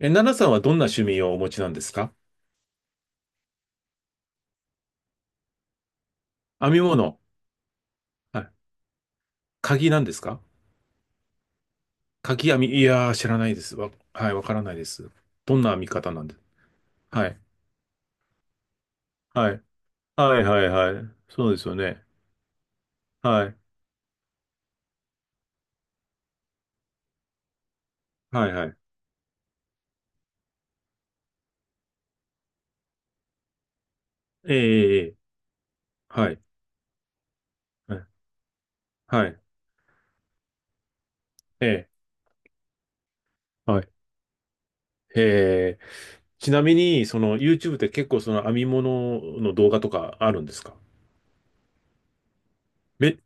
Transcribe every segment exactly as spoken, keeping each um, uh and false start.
え、奈々さんはどんな趣味をお持ちなんですか？編み物。はい。鍵なんですか？鍵編み。いやー、知らないです。わ、はい、わからないです。どんな編み方なんです？はい。はい。はい、はい、はい。そうですよね。はい。はい、はい。ええ、ええ、はい。はい。はい。ええ、はい。ええ、ちなみに、その YouTube って結構その編み物の動画とかあるんですか？め、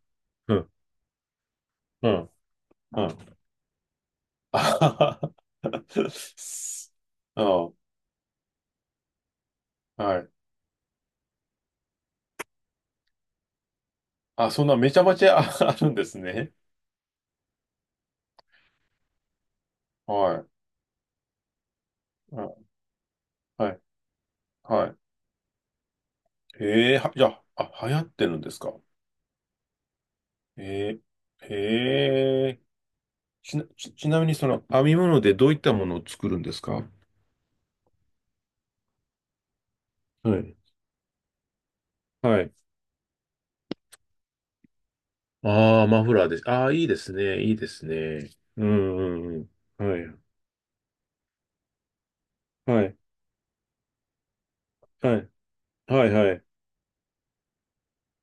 うん、うん、うん。あははは。ああ、はい。あ、そんなめちゃめちゃあ あるんですね。はい。あ、はい。はい。ええは、じゃあ、あ、流行ってるんですか？ええええちな、ち、ちなみにその編み物でどういったものを作るんですか？はい。はい。ああ、マフラーです。ああ、いいですね。いいですね。うんうんうん。はい。はい。はい。はい。はい。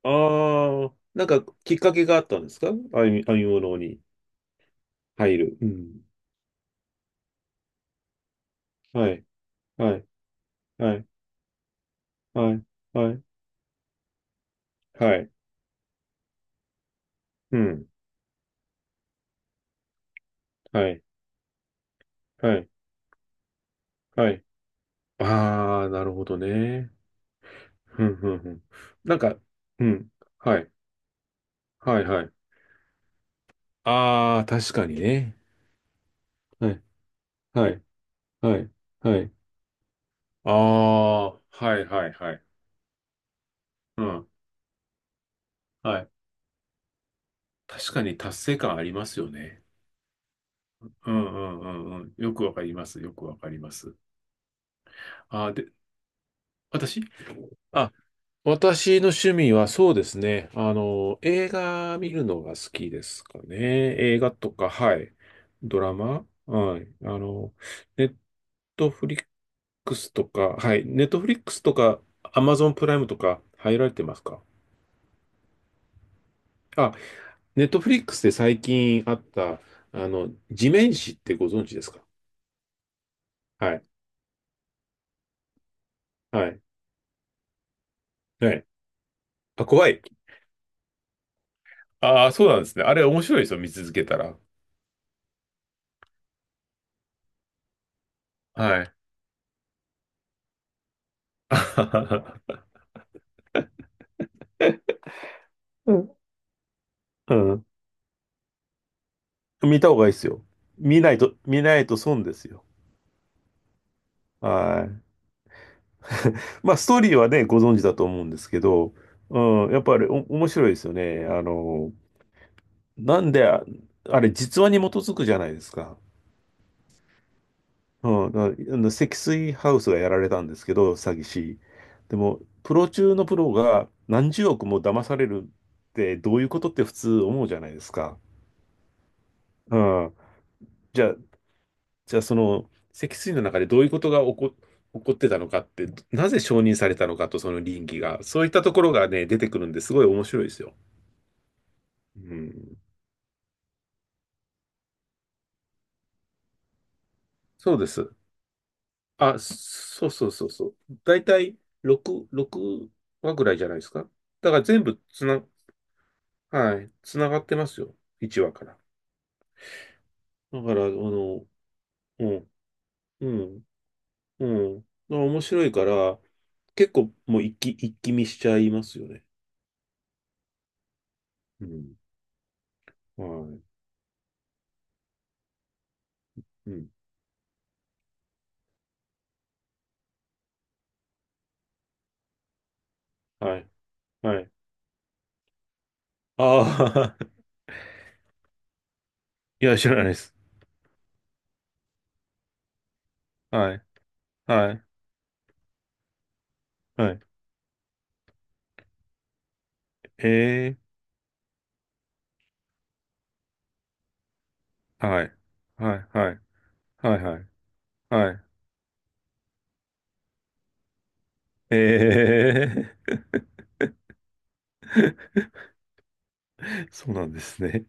ああ、なんかきっかけがあったんですか？編み、編み物に入る。うん。はい。はい。はい。はい。はい。はい。うん。はい。はい。はい。ああ、なるほどね。ふんふんふん。なんか、うん。はい。はい、はい。ああ、確かにね。はい。はい。はい。はい。ああ、はい、はい、はい。うん。はい。確かに達成感ありますよね。うん、うん、うん、うん。よくわかります。よくわかります。ああ、で、私あ私の趣味はそうですね。あの、映画見るのが好きですかね。映画とか、はい。ドラマはい。あの、ネットフリックスとか、はい。ネットフリックスとか、アマゾンプライムとか入られてますか？あ、ネットフリックスで最近あった、あの、地面師ってご存知ですか？はい。はい。はい。あ、怖い。ああ、そうなんですね。あれ面白いですよ、見続けたら。はい。うん。うん、見た方がいいですよ。見ないと、見ないと損ですよ。はい。まあ、ストーリーはね、ご存知だと思うんですけど、うん、やっぱりお面白いですよね。あの、なんで、ああれ、実話に基づくじゃないですか。うん、だからあの積水ハウスがやられたんですけど、詐欺師。でも、プロ中のプロが何十億も騙されるってどういうことって普通思うじゃないですか。うん。じゃあ、じゃあ、その、脊椎の中でどういうことが起こ、起こってたのかって、なぜ承認されたのかと、その倫理が。そういったところがね、出てくるんですごい面白いですよ。うん。そうです。あ、そうそうそうそう。だいたいろく話ぐらいじゃないですか。だから全部つな、はい、つながってますよ。いちわから。だから、あの、うん、うん、うん。まあ面白いから、結構もう一気、一気見しちゃいますよね。うん。はい。うん。はい。はい。ああ、いや、知らないです。はい、はい、はい。えー、はい、はい、はい、はい、はい、はい。えー、そうなんですね。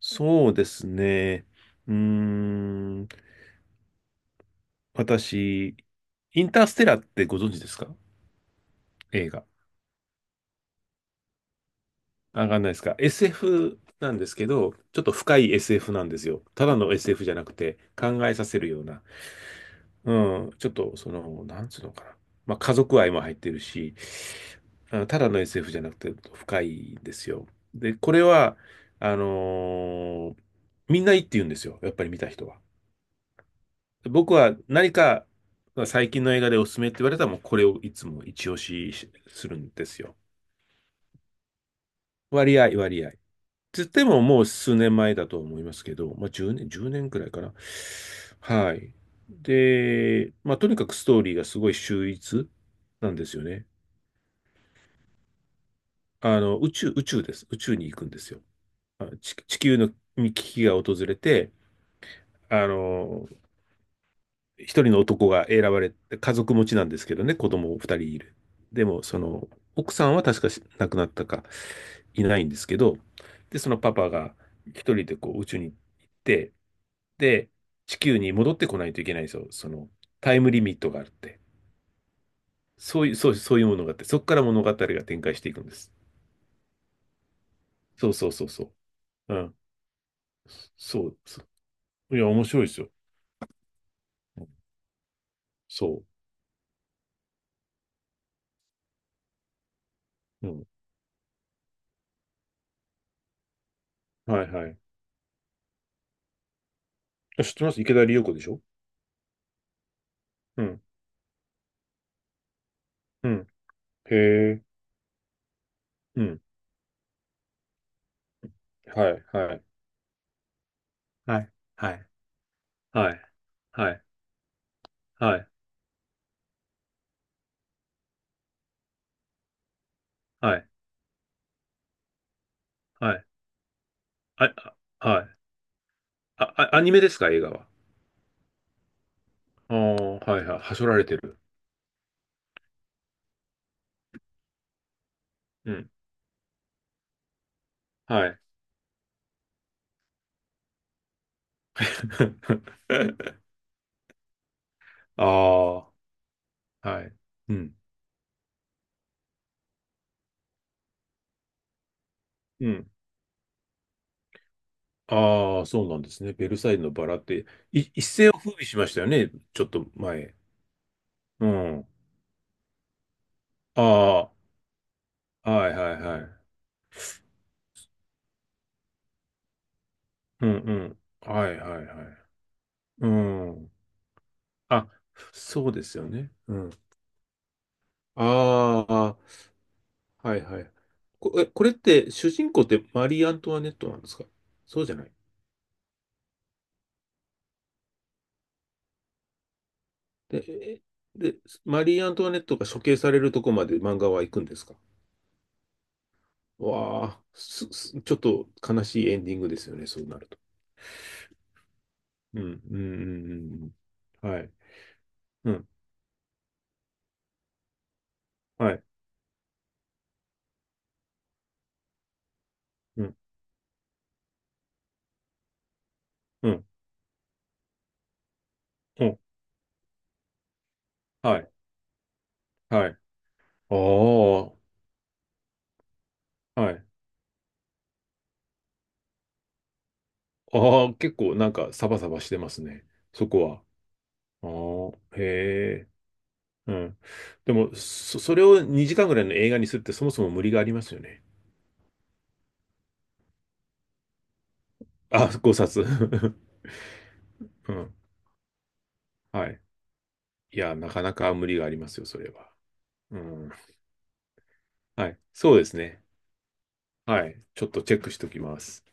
そうですね。うーん、私、インターステラーってご存知ですか？映画。あ、わかんないですか？ エスエフ なんですけど、ちょっと深い エスエフ なんですよ。ただの エスエフ じゃなくて、考えさせるような。うん、ちょっと、その、なんつうのかな。まあ、家族愛も入ってるし、あただの エスエフ じゃなくて深いんですよ。で、これは、あのーみんないいって言うんですよ。やっぱり見た人は。僕は何か最近の映画でおすすめって言われたらもうこれをいつも一押しするんですよ。割合、割合。つってももう数年前だと思いますけど、まあじゅうねん、いちねんくらいかな。はい。で、まあとにかくストーリーがすごい秀逸なんですよね。あの、宇宙、宇宙です。宇宙に行くんですよ。あ地、地球のに危機が訪れて、あの、一人の男が選ばれて、家族持ちなんですけどね、子供二人いる。でも、その、奥さんは確かし亡くなったかいないんですけど、で、そのパパが一人でこう宇宙に行って、で、地球に戻ってこないといけないんですよ。その、タイムリミットがあるって。そういう、そう、そういうものがあって、そこから物語が展開していくんです。そうそうそうそう。うん。そう、そう。いや、面白いですよ。うん、そう。うん。はいはい。あ、知ってます。池田理代子でしょ？うん。うん。へえ。うん。はい、はい。はい、はい、はい、はい、はい、はい、はい。あ、あはい。あ、あアニメですか？映画は。ああ、はいはい。はしょられてる。うん。はい。ああ、はい。うん。うん。ああ、そうなんですね。ベルサイユのバラって、い、一世を風靡しましたよね。ちょっと前。うん。ああ、はいはいはい。うんうん。はいはいはい。うん。あ、そうですよね。うん。ああ、はいはい。こ、え、これって主人公ってマリー・アントワネットなんですか？そうじゃない。で、えで、マリー・アントワネットが処刑されるとこまで漫画は行くんですか？わあ、す、すちょっと悲しいエンディングですよね、そうなると。うん、うん、うん、うんうん。はい、うん、はい、うん、うん、うん、はい、はい。ああ、はい。ああ、結構なんかサバサバしてますね、そこは。ああ、へえ、うん。でも、そ、それをにじかんぐらいの映画にするってそもそも無理がありますよね。あ、ごさつ。うん、はい。いや、なかなか無理がありますよ、それは。うん、はい。そうですね。はい。ちょっとチェックしておきます。